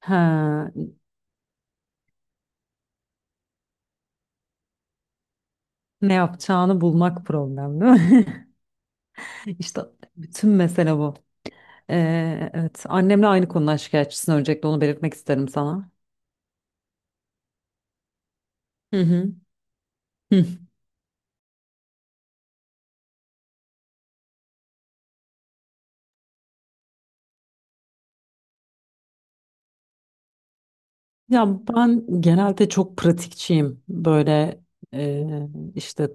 Ha, ne yapacağını bulmak problem değil mi? İşte bütün mesele bu. Evet, annemle aynı konuda şikayetçisin. Öncelikle onu belirtmek isterim sana. Hı hı. Hı. Ya ben genelde çok pratikçiyim. Böyle e, işte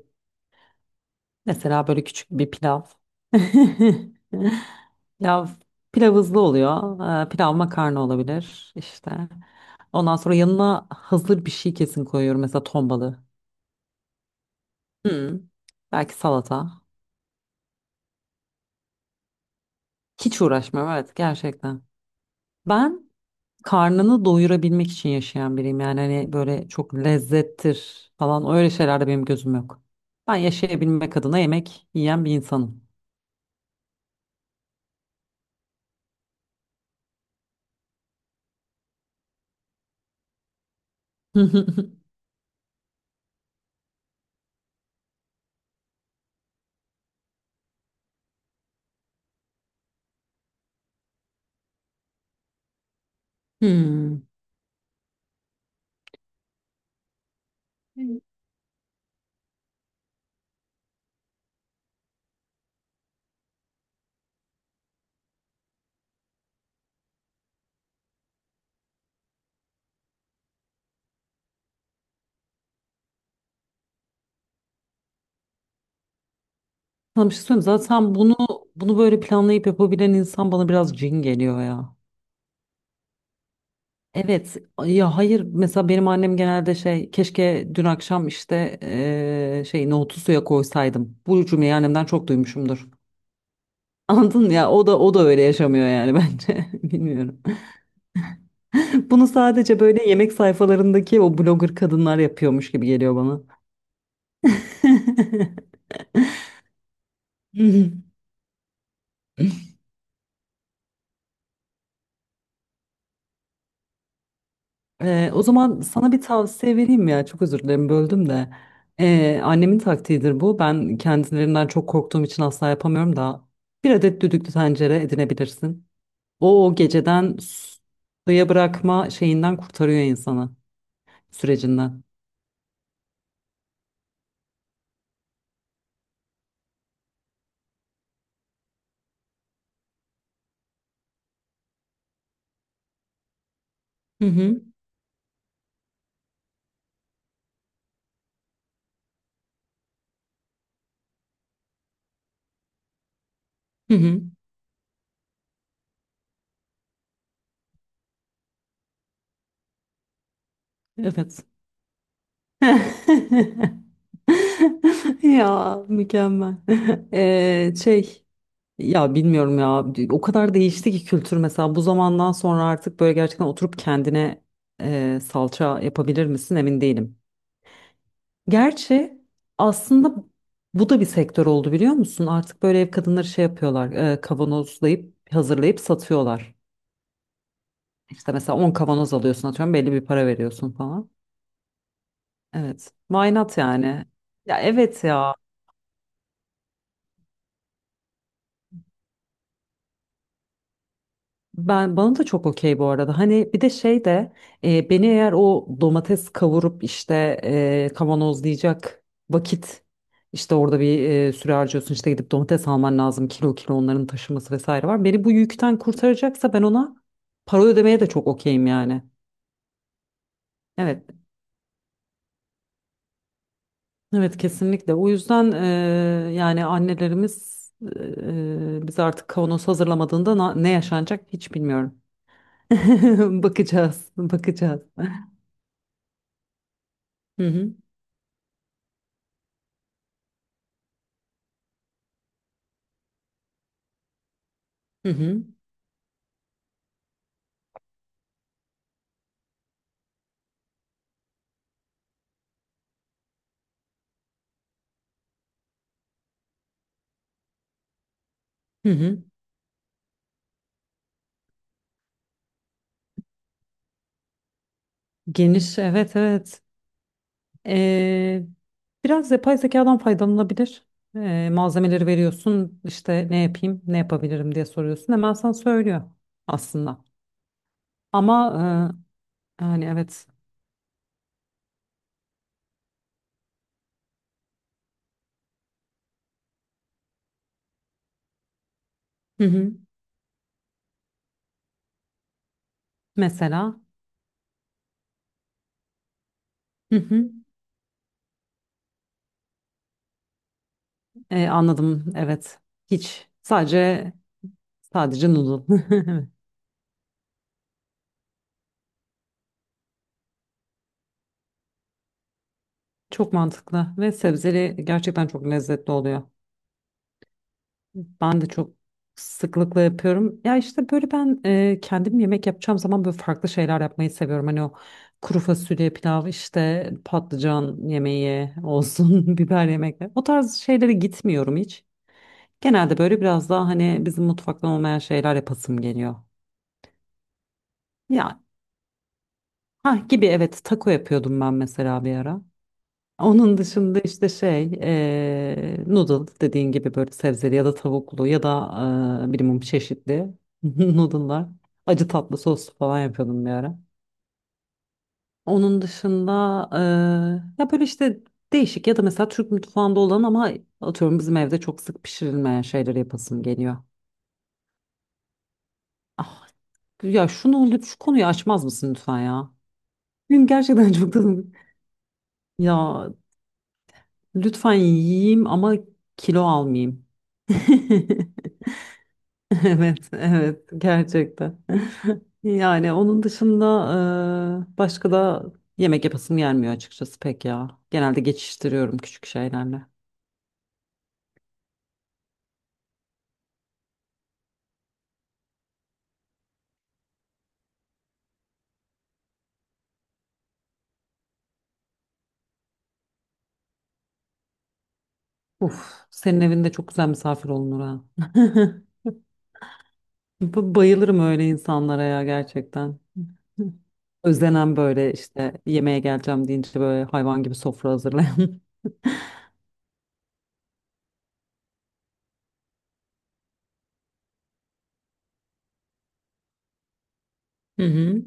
mesela böyle küçük bir pilav. Pilav, pilav hızlı oluyor. Pilav makarna olabilir işte. Ondan sonra yanına hazır bir şey kesin koyuyorum. Mesela ton balığı. Hı. Belki salata. Hiç uğraşmıyorum, evet, gerçekten. Ben karnını doyurabilmek için yaşayan biriyim. Yani hani böyle çok lezzettir falan öyle şeylerde benim gözüm yok. Ben yaşayabilmek adına yemek yiyen bir insanım. Hmm. Hmm. Sana bir şey söyleyeyim mi? Zaten bunu böyle planlayıp yapabilen insan bana biraz cin geliyor ya. Evet ya, hayır, mesela benim annem genelde şey, keşke dün akşam işte şey nohutu suya koysaydım. Bu cümleyi annemden çok duymuşumdur. Anladın mı ya? O da öyle yaşamıyor yani bence. Bilmiyorum. Bunu sadece böyle yemek sayfalarındaki o blogger kadınlar yapıyormuş gibi geliyor bana. O zaman sana bir tavsiye vereyim ya. Çok özür dilerim, böldüm de. Annemin taktiğidir bu. Ben kendilerinden çok korktuğum için asla yapamıyorum da. Bir adet düdüklü tencere edinebilirsin. O geceden suya bırakma şeyinden kurtarıyor insanı, sürecinden. Hı hı. Hı hı. Evet. Ya, mükemmel. Şey, ya bilmiyorum ya, o kadar değişti ki kültür, mesela bu zamandan sonra artık böyle gerçekten oturup kendine salça yapabilir misin, emin değilim. Gerçi aslında bu da bir sektör oldu, biliyor musun? Artık böyle ev kadınları şey yapıyorlar, kavanozlayıp hazırlayıp satıyorlar. İşte mesela 10 kavanoz alıyorsun, atıyorum belli bir para veriyorsun falan. Evet. Why not yani? Ya, evet ya. Ben, bana da çok okey bu arada. Hani bir de şey de, beni eğer o domates kavurup işte kavanozlayacak vakit, işte orada bir süre harcıyorsun, işte gidip domates alman lazım, kilo kilo onların taşıması vesaire var. Beni bu yükten kurtaracaksa ben ona para ödemeye de çok okeyim yani. Evet, evet, kesinlikle. O yüzden yani annelerimiz, biz artık kavanoz hazırlamadığında na- ne yaşanacak hiç bilmiyorum. Bakacağız, bakacağız. Hı hı. Hı hı, hı hı. Geniş, evet, evet. Ee, Biraz yapay zekadan faydalanabilir. Malzemeleri veriyorsun, işte ne yapayım, ne yapabilirim diye soruyorsun. Hemen sana söylüyor aslında. Ama yani evet. Hı hı. Mesela. Hı hı. Anladım, evet. Hiç. Sadece noodle. Çok mantıklı ve sebzeli gerçekten çok lezzetli oluyor. Ben de çok sıklıkla yapıyorum. Ya işte böyle ben kendim yemek yapacağım zaman böyle farklı şeyler yapmayı seviyorum. Hani o kuru fasulye pilav işte patlıcan yemeği olsun biber yemekleri. O tarz şeylere gitmiyorum hiç. Genelde böyle biraz daha hani bizim mutfaktan olmayan şeyler yapasım geliyor. Ya ha gibi, evet, taco yapıyordum ben mesela bir ara. Onun dışında işte noodle dediğin gibi böyle sebzeli ya da tavuklu ya da bilmem çeşitli noodle'lar. Acı tatlı soslu falan yapıyordum bir ara. Onun dışında ya böyle işte değişik ya da mesela Türk mutfağında olan ama atıyorum bizim evde çok sık pişirilmeyen şeyleri yapasım geliyor. Ah, ya şunu lütfen, şu konuyu açmaz mısın lütfen ya? Benim gerçekten çok tadım. Ya lütfen yiyeyim ama kilo almayayım. Evet, evet, gerçekten. Yani onun dışında başka da yemek yapasım gelmiyor açıkçası pek ya. Genelde geçiştiriyorum küçük şeylerle. Uf, senin evinde çok güzel misafir olunur ha. Bu- Bayılırım öyle insanlara ya, gerçekten. Özlenen böyle işte, yemeğe geleceğim deyince böyle hayvan gibi sofra hazırlayan. Hı hı.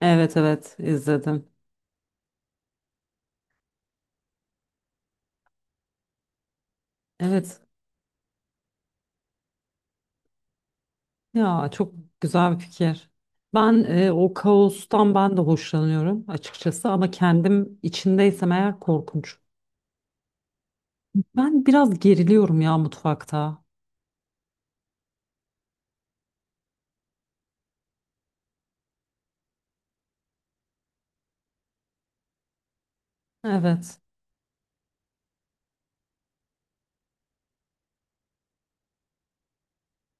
Evet, evet, izledim. Evet ya, çok güzel bir fikir. Ben o kaostan ben de hoşlanıyorum açıkçası ama kendim içindeysem eğer korkunç. Ben biraz geriliyorum ya mutfakta. Evet,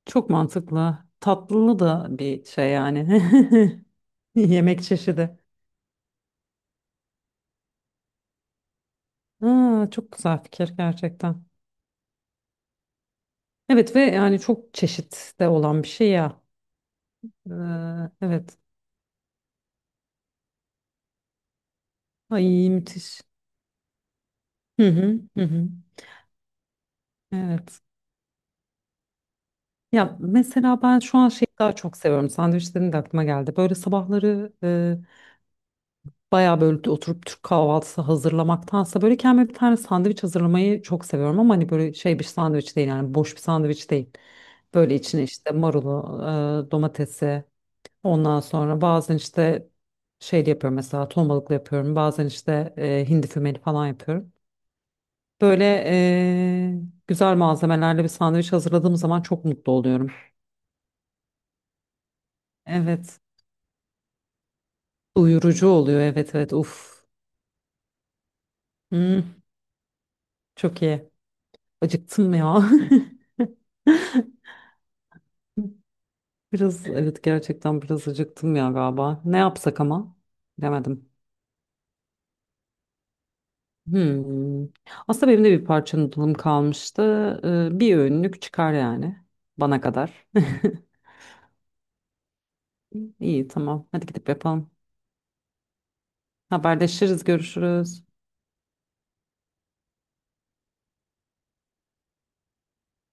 çok mantıklı. Tatlılı da bir şey yani. Yemek çeşidi. Aa, çok güzel fikir gerçekten. Evet ve yani çok çeşit de olan bir şey ya. Ee, evet. Ay, müthiş. Hı hı hı hı. Evet. Ya mesela ben şu an şeyi daha çok seviyorum. Sandviçlerin de aklıma geldi. Böyle sabahları bayağı böyle oturup Türk kahvaltısı hazırlamaktansa böyle kendime bir tane sandviç hazırlamayı çok seviyorum. Ama hani böyle şey bir sandviç değil, yani boş bir sandviç değil. Böyle içine işte marulu, domatesi. Ondan sonra bazen işte şey de yapıyorum, mesela ton balıklı yapıyorum. Bazen işte hindi fümeli falan yapıyorum. Böyle güzel malzemelerle bir sandviç hazırladığım zaman çok mutlu oluyorum. Evet. Doyurucu oluyor. Evet, evet. Uf. Hmm, çok iyi. Acıktım ya. Biraz, evet, gerçekten biraz acıktım ya galiba. Ne yapsak ama? Demedim. Hmm. Aslında benim de bir parça noodle'ım kalmıştı. Bir öğünlük çıkar yani bana kadar. İyi, tamam. Hadi gidip yapalım. Haberleşiriz, görüşürüz.